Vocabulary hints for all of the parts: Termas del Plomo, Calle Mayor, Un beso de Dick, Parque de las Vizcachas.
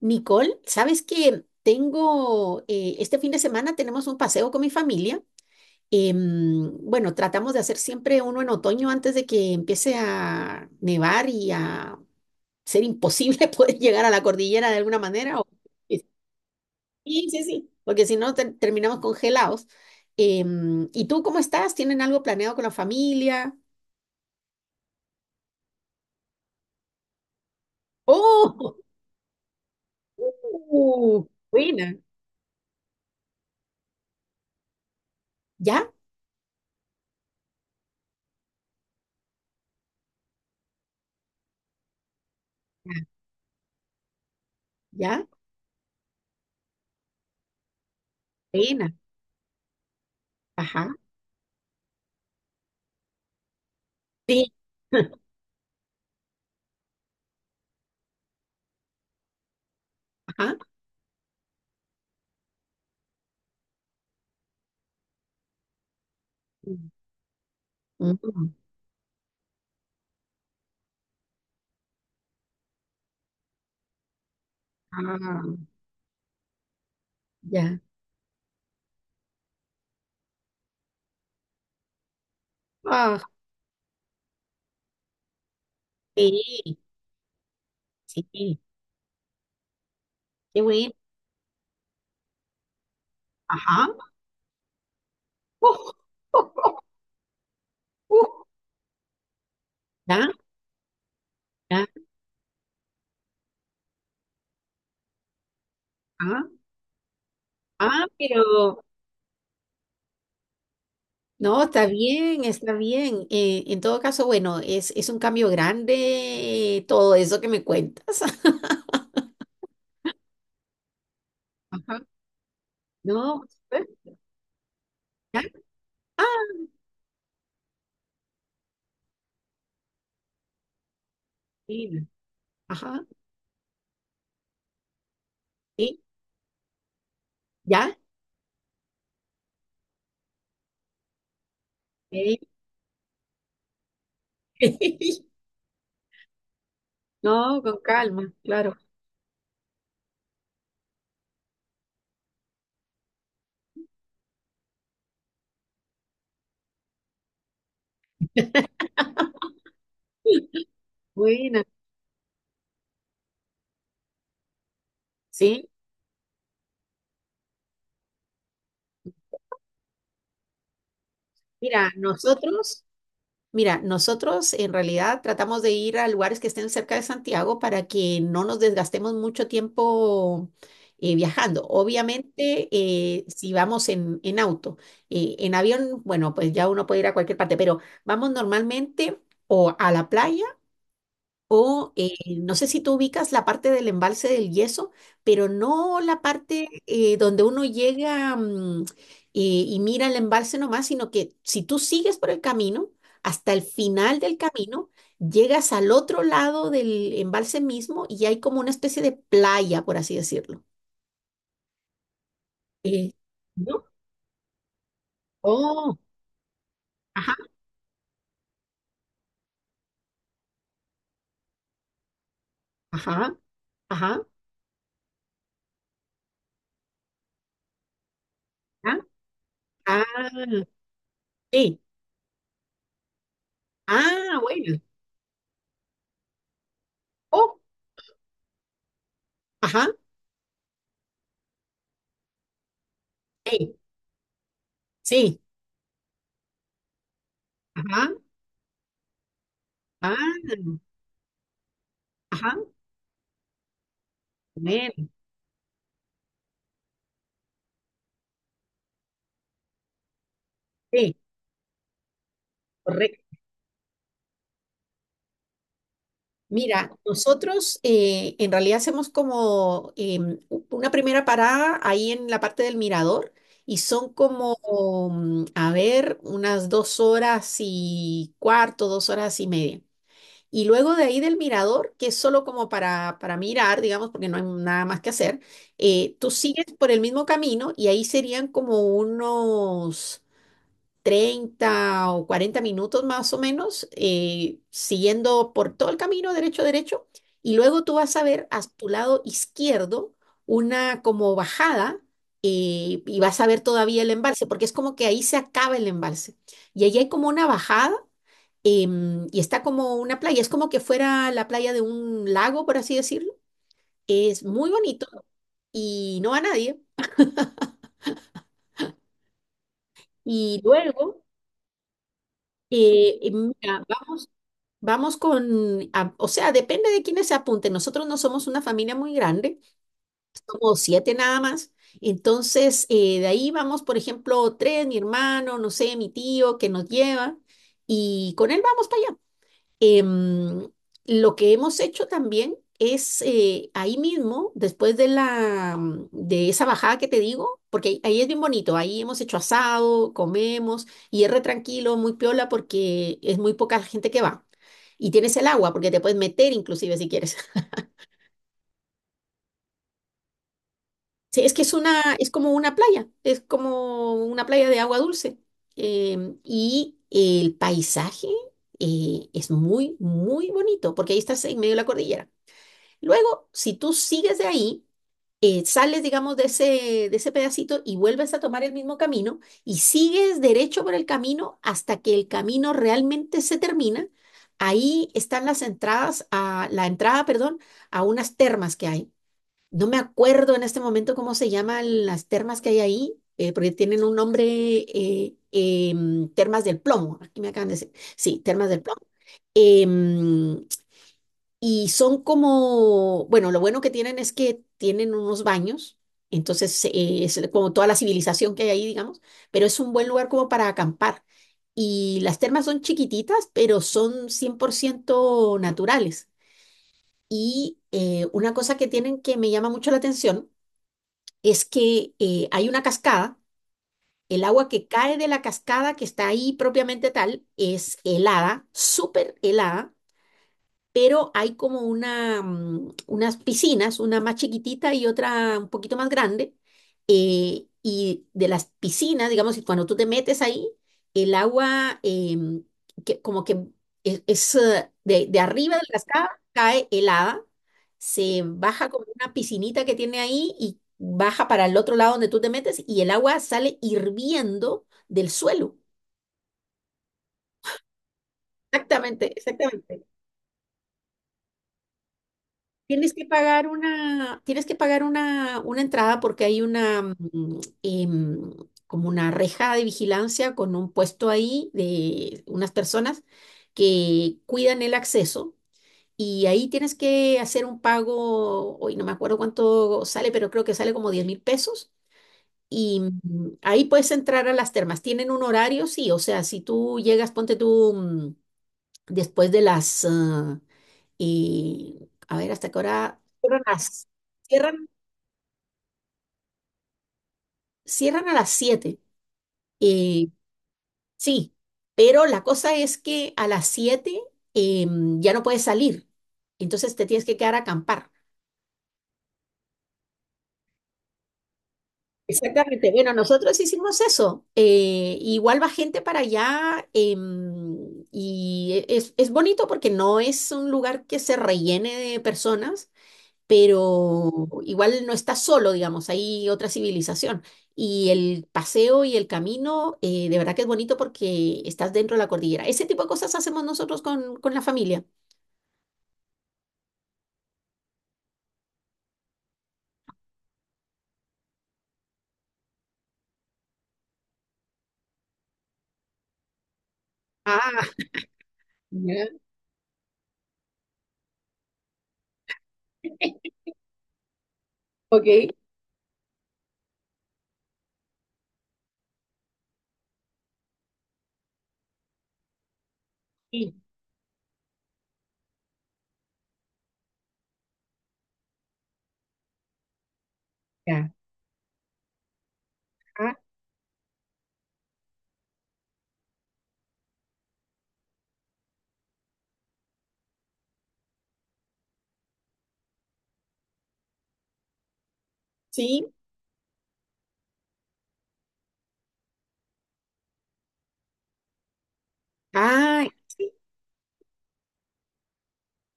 Nicole, ¿sabes que este fin de semana tenemos un paseo con mi familia? Bueno, tratamos de hacer siempre uno en otoño antes de que empiece a nevar y a ser imposible poder llegar a la cordillera de alguna manera. Sí, sí, sí, porque si no terminamos congelados. ¿Y tú cómo estás? ¿Tienen algo planeado con la familia? ¡Oh! ¡Uh! Buena. ¿Ya? ¿Ya? Buena. Ajá. Sí. Ajá. Mm, ah, ya. Ah, sí, sí, qué bueno. Ajá. Uh, uh, uh, ya, ya, ah, ah, pero no, está bien, está bien. En todo caso, bueno, es un cambio grande, todo eso que me cuentas. Ajá. No, ¿ves? Ya. Ah, mira. Ajá, sí, ya. eh. No, con calma, claro. Buena, sí. Mira, nosotros. Mira, nosotros en realidad tratamos de ir a lugares que estén cerca de Santiago para que no nos desgastemos mucho tiempo viajando. Obviamente, si vamos en auto, en avión, bueno, pues ya uno puede ir a cualquier parte, pero vamos normalmente o a la playa o no sé si tú ubicas la parte del embalse del Yeso, pero no la parte donde uno llega, y mira el embalse nomás, sino que si tú sigues por el camino, hasta el final del camino, llegas al otro lado del embalse mismo y hay como una especie de playa, por así decirlo. Eh, ¿No? Oh, ajá, ajá, ajá, ah, ah, sí, ah, bueno, oh, ajá, sí, sí, ajá. Ah, ajá, bueno, sí, correcto. Mira, nosotros en realidad hacemos como una primera parada ahí en la parte del mirador, y son como, a ver, unas 2 horas y cuarto, 2 horas y media. Y luego de ahí del mirador, que es solo como para mirar, digamos, porque no hay nada más que hacer, tú sigues por el mismo camino y ahí serían como unos 30 o 40 minutos más o menos, siguiendo por todo el camino derecho, derecho, y luego tú vas a ver a tu lado izquierdo una como bajada, y vas a ver todavía el embalse, porque es como que ahí se acaba el embalse. Y ahí hay como una bajada, y está como una playa, es como que fuera la playa de un lago, por así decirlo. Es muy bonito y no va nadie. Y luego, mira, vamos con, o sea, depende de quiénes se apunten. Nosotros no somos una familia muy grande, somos siete nada más. Entonces, de ahí vamos, por ejemplo, tres, mi hermano, no sé, mi tío que nos lleva, y con él vamos para allá. Em, lo que hemos hecho también es, ahí mismo, después de esa bajada que te digo, porque ahí es bien bonito, ahí hemos hecho asado, comemos y es re tranquilo, muy piola porque es muy poca la gente que va. Y tienes el agua porque te puedes meter inclusive si quieres. Sí, es que es una, es como una playa, es como una playa de agua dulce. Y el paisaje, es muy, muy bonito porque ahí estás en medio de la cordillera. Luego, si tú sigues de ahí, sales, digamos, de ese pedacito y vuelves a tomar el mismo camino y sigues derecho por el camino hasta que el camino realmente se termina. Ahí están las entradas a la entrada, perdón, a unas termas que hay. No me acuerdo en este momento cómo se llaman las termas que hay ahí, porque tienen un nombre, termas del Plomo. Aquí me acaban de decir, sí, termas del Plomo. Em, y son como, bueno, lo bueno que tienen es que tienen unos baños, entonces, es como toda la civilización que hay ahí, digamos, pero es un buen lugar como para acampar. Y las termas son chiquititas, pero son 100% naturales. Y una cosa que tienen que me llama mucho la atención es que hay una cascada, el agua que cae de la cascada que está ahí propiamente tal es helada, súper helada, pero hay como unas piscinas, una más chiquitita y otra un poquito más grande. Y de las piscinas, digamos, y cuando tú te metes ahí, el agua, que, como que es de arriba del cascada, cae helada, se baja como una piscinita que tiene ahí y baja para el otro lado donde tú te metes y el agua sale hirviendo del suelo. Exactamente, exactamente. Tienes que pagar una entrada porque hay como una reja de vigilancia con un puesto ahí de unas personas que cuidan el acceso, y ahí tienes que hacer un pago. Hoy no me acuerdo cuánto sale, pero creo que sale como 10.000 pesos y, ahí puedes entrar a las termas. Tienen un horario, sí, o sea, si tú llegas, ponte tú, después de las, y a ver, ¿hasta qué hora? Cierran, cierran, cierran a las 7. Eh, sí, pero la cosa es que a las 7, ya no puedes salir. Entonces te tienes que quedar a acampar. Exactamente. Bueno, nosotros hicimos eso. Igual va gente para allá, y es bonito porque no es un lugar que se rellene de personas, pero igual no estás solo, digamos, hay otra civilización. Y el paseo y el camino, de verdad que es bonito porque estás dentro de la cordillera. Ese tipo de cosas hacemos nosotros con la familia. Ah, ya. Ok. Sí. Ya. Ah, sí. Ah, sí.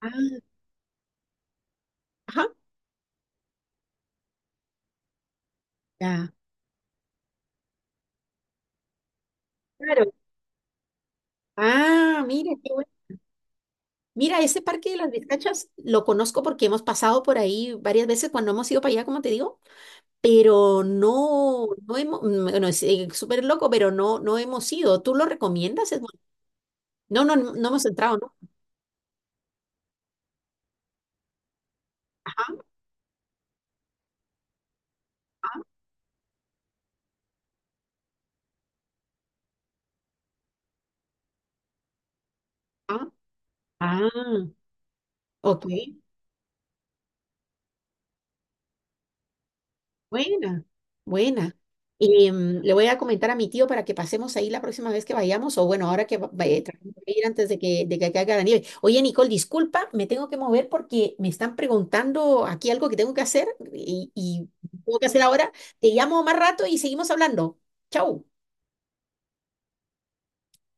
Ah, ajá. Ya. Claro. Ah, mira, qué bueno. Mira, ese parque de las Vizcachas lo conozco porque hemos pasado por ahí varias veces cuando hemos ido para allá, como te digo. Pero no, no hemos, bueno, es, súper loco, pero no hemos ido. ¿Tú lo recomiendas? Es bueno. No, no, no hemos entrado, ¿no? Ajá, ajá, ajá. Ah, ok, buena, buena. Y, le voy a comentar a mi tío para que pasemos ahí la próxima vez que vayamos, o bueno, ahora que tratemos de ir antes de que caiga la nieve. Oye, Nicole, disculpa, me tengo que mover porque me están preguntando aquí algo que tengo que hacer, y tengo que hacer ahora. Te llamo más rato y seguimos hablando. Chau.